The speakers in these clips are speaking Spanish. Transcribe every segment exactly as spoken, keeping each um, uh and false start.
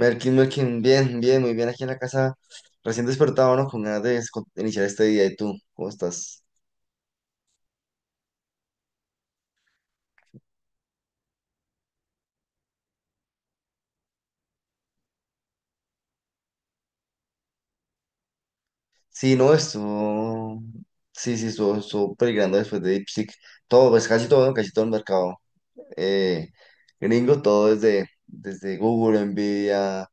Merkin, Merkin, bien, bien, muy bien aquí en la casa, recién despertado, ¿no? Con ganas de es- con- iniciar este día. ¿Y tú? ¿Cómo estás? Sí, no, estuvo, sí, sí, estuvo, estuvo peligrando después de DeepSeek. Todo, pues casi todo, ¿no? Casi todo el mercado eh, gringo, todo desde, desde Google, Nvidia,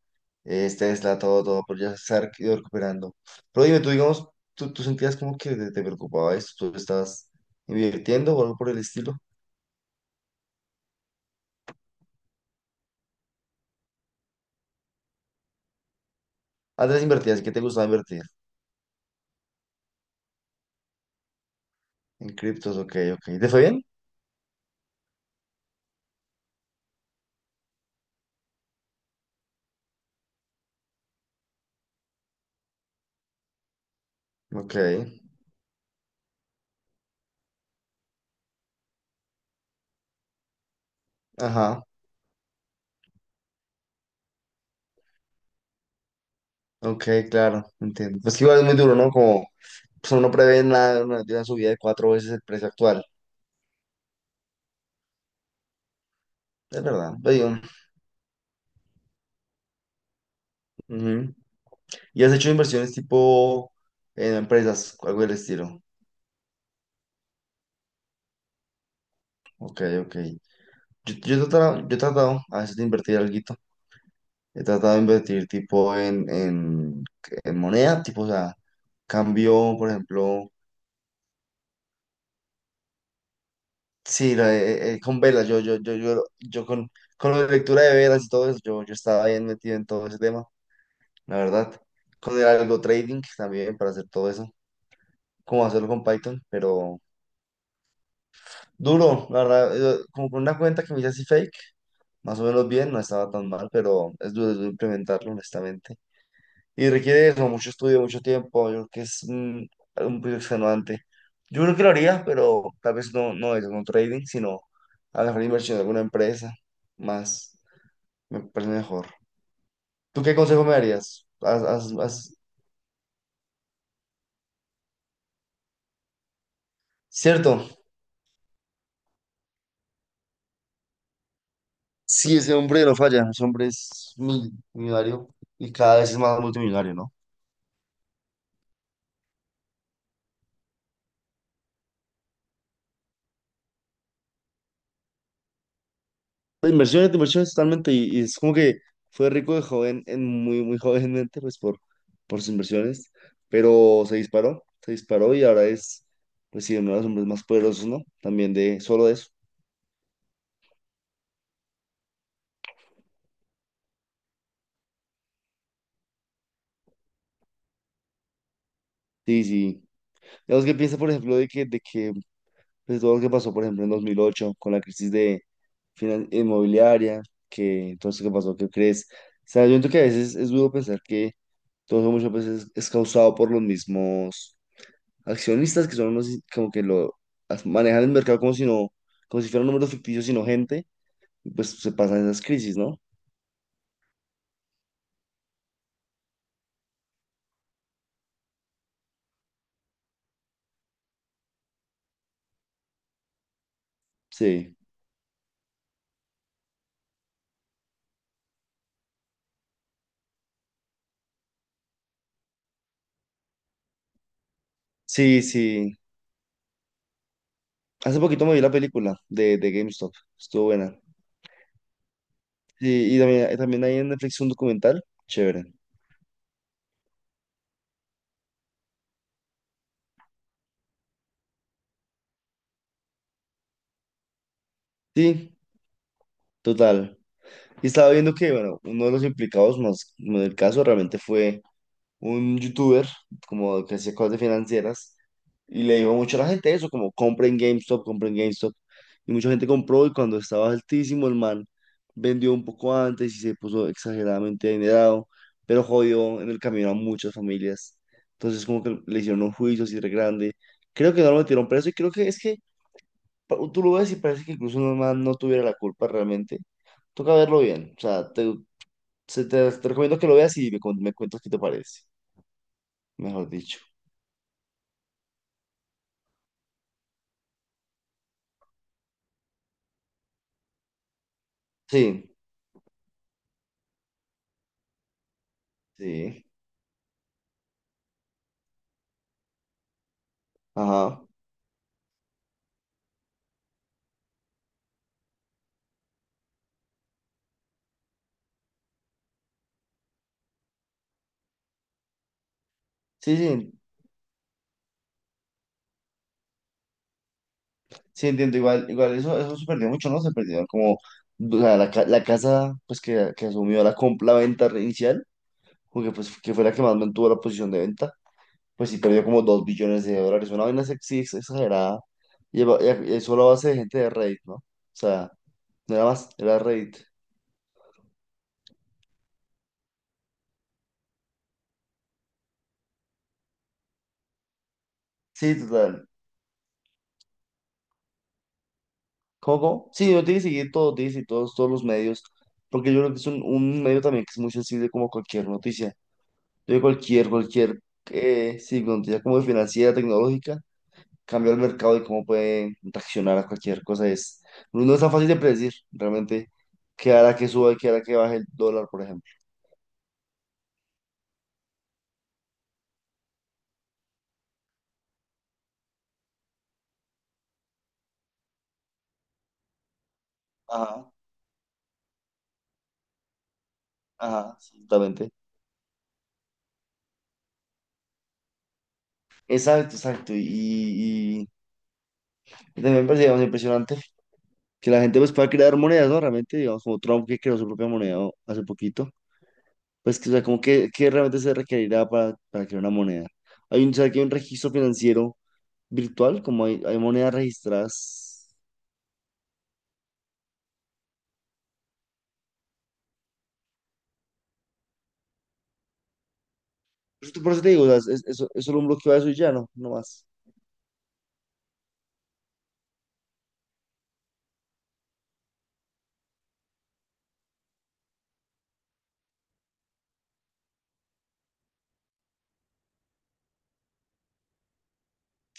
eh, Tesla, todo, todo, pero ya se ha ido recuperando. Pero dime, tú, digamos, tú, tú sentías como que te, te preocupaba esto, tú estabas invirtiendo o algo por el estilo. Antes invertías, ¿qué te gustaba invertir? En criptos, ok, ok. ¿Te fue bien? Ok, ajá, ok, claro, entiendo. Pues que igual es muy duro, ¿no? Como pues uno no prevé nada, una, de una subida de cuatro veces el precio actual. Es verdad, pues, yo, ujú. ¿Y has hecho inversiones tipo en empresas, algo del estilo? Ok, ok. Yo, yo, he tratado, yo he tratado a veces de invertir alguito. He tratado de invertir tipo en, en, en moneda, tipo, o sea, cambio, por ejemplo. Sí, no, eh, eh, con velas, yo, yo, yo, yo, yo con, con la lectura de velas y todo eso, yo, yo estaba bien metido en todo ese tema, la verdad. Con el algo trading también para hacer todo eso, como hacerlo con Python, pero duro, la verdad, eh, como con una cuenta que me hice así fake, más o menos bien, no estaba tan mal, pero es duro, es duro implementarlo, honestamente. Y requiere eso, mucho estudio, mucho tiempo, yo creo que es un, un proyecto extenuante. Yo creo que lo haría, pero tal vez no, no es un trading, sino a la mejor inversión de alguna empresa, más. Me parece mejor. ¿Tú qué consejo me darías? Haz- haz- haz- Cierto. Sí, ese hombre no falla. Ese hombre es mil- millonario y cada vez es más multimillonario, ¿no? Inversiones, inversiones totalmente. Y, y es como que fue rico de joven, en muy, muy jovenmente, pues por, por sus inversiones. Pero se disparó, se disparó y ahora es, pues sí, uno de los hombres más poderosos, ¿no? También de solo de eso. Sí, sí. Digamos que piensa, por ejemplo, de que, de que pues todo lo que pasó, por ejemplo, en dos mil ocho con la crisis de finan- inmobiliaria, que todo eso que pasó, ¿qué crees? O sea, yo siento que a veces es duro pensar que todo eso muchas veces es causado por los mismos accionistas que son unos i- como que lo as- manejan el mercado como si no, como si fueran números ficticios, sino gente, y pues se pasan esas crisis, ¿no? Sí, sí, sí. Hace poquito me vi la película de, de GameStop, estuvo buena. Sí, y también, eh, también hay en Netflix un documental, chévere. Sí, total. Y estaba viendo que, bueno, uno de los implicados más en el caso realmente fue un youtuber, como que hacía cosas de financieras, y le dijo mucho a la gente eso, como compren GameStop, compren GameStop. Y mucha gente compró y cuando estaba altísimo el man vendió un poco antes y se puso exageradamente adinerado, pero jodió en el camino a muchas familias. Entonces como que le hicieron un juicio así de grande. Creo que no lo metieron preso y creo que es que pa- tú lo ves y parece que incluso el man no tuviera la culpa realmente, toca verlo bien. O sea, te- se- te, te recomiendo que lo veas y me, cuen- me cuentas qué te parece, mejor dicho. Sí, sí, ajá. Sí, sí, sí, entiendo. Igual, igual eso, eso se perdió mucho, ¿no? Se perdieron como, o sea, la, ca- la casa pues que, que asumió la, comp- la venta inicial, porque pues que fue la que más mantuvo la posición de venta, pues sí perdió como dos billones de dólares. Una vaina sexy exagerada. Y, eva- y a- y eso a base de gente de Reddit, ¿no? O sea, no era más, era Reddit. Sí, total. Coco, sí, yo tiene que seguir todo, tiene que seguir todos, todos los medios, porque yo creo que es un, un medio también que es muy sensible como cualquier noticia. Yo cualquier, cualquier, eh, sí, noticia como financiera, tecnológica, cambia el mercado y cómo puede reaccionar a cualquier cosa. Es, no no es tan fácil de predecir realmente qué hará que suba y qué hará que baje el dólar, por ejemplo. Ajá, ajá, sí, exactamente. Exacto, exacto. Y, y, y también me parece, digamos, impresionante que la gente pues pueda crear monedas, ¿no? Realmente, digamos, como Trump que creó su propia moneda hace poquito. Pues que, o sea, como que, que realmente se requerirá para, para crear una moneda. Hay un, ¿sabes que hay un registro financiero virtual? Como hay, hay monedas registradas. Pues, por eso te digo, o sea, es, es- es solo un bloqueo de eso y ya, no, no más.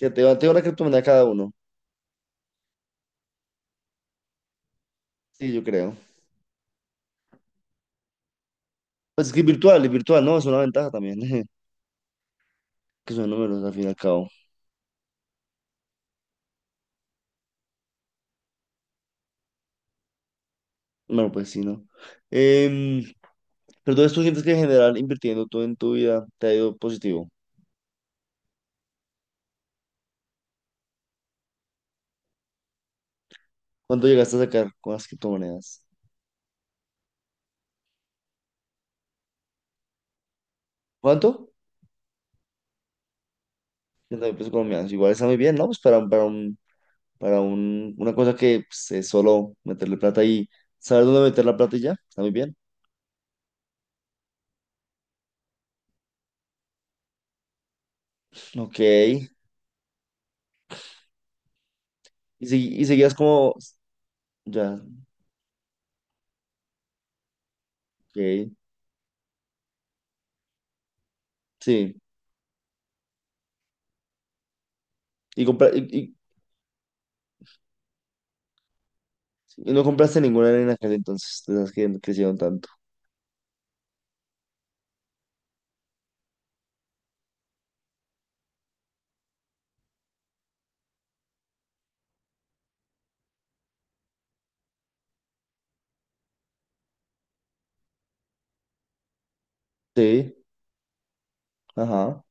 Que te, va- te va una criptomoneda cada uno. Sí, yo creo. Pues es que es virtual, es virtual, ¿no? Es una ventaja también, que son números al fin y al cabo. Bueno, pues sí, ¿no? Em, pero entonces tú sientes que en general invirtiendo todo en tu vida te ha ido positivo. ¿Cuánto llegaste a sacar con las criptomonedas? ¿Cuánto? 30 mil pesos colombianos. Igual está muy bien, ¿no? Pues para, un- para un para un, una cosa que pues, es solo meterle plata y saber dónde meter la plata y ya, está muy bien. Ok. Y, segui- y seguías como, ya, ok, sí. Y, compra- y, y- y no compraste ninguna arena en aquel entonces, de esas que crecieron tanto. Sí, ajá.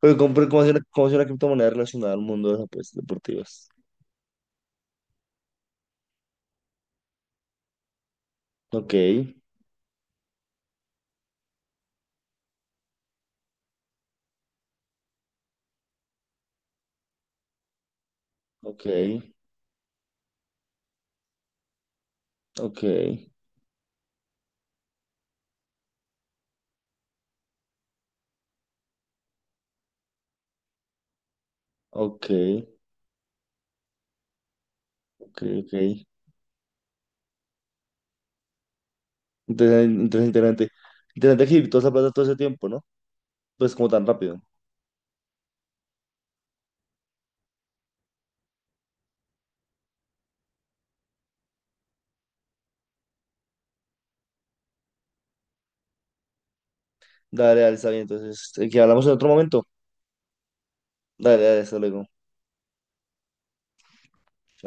Pero compré como si una, como si una criptomoneda relacionada al mundo de las apuestas deportivas. Ok, ok, ok, ok, ok, ok. Entonces, interesante. Interesante que toda esa plata todo ese tiempo, ¿no? Pues como tan rápido. Dale, dale, está bien. Entonces, aquí hablamos en otro momento. Dale, dale, hasta luego. Chao.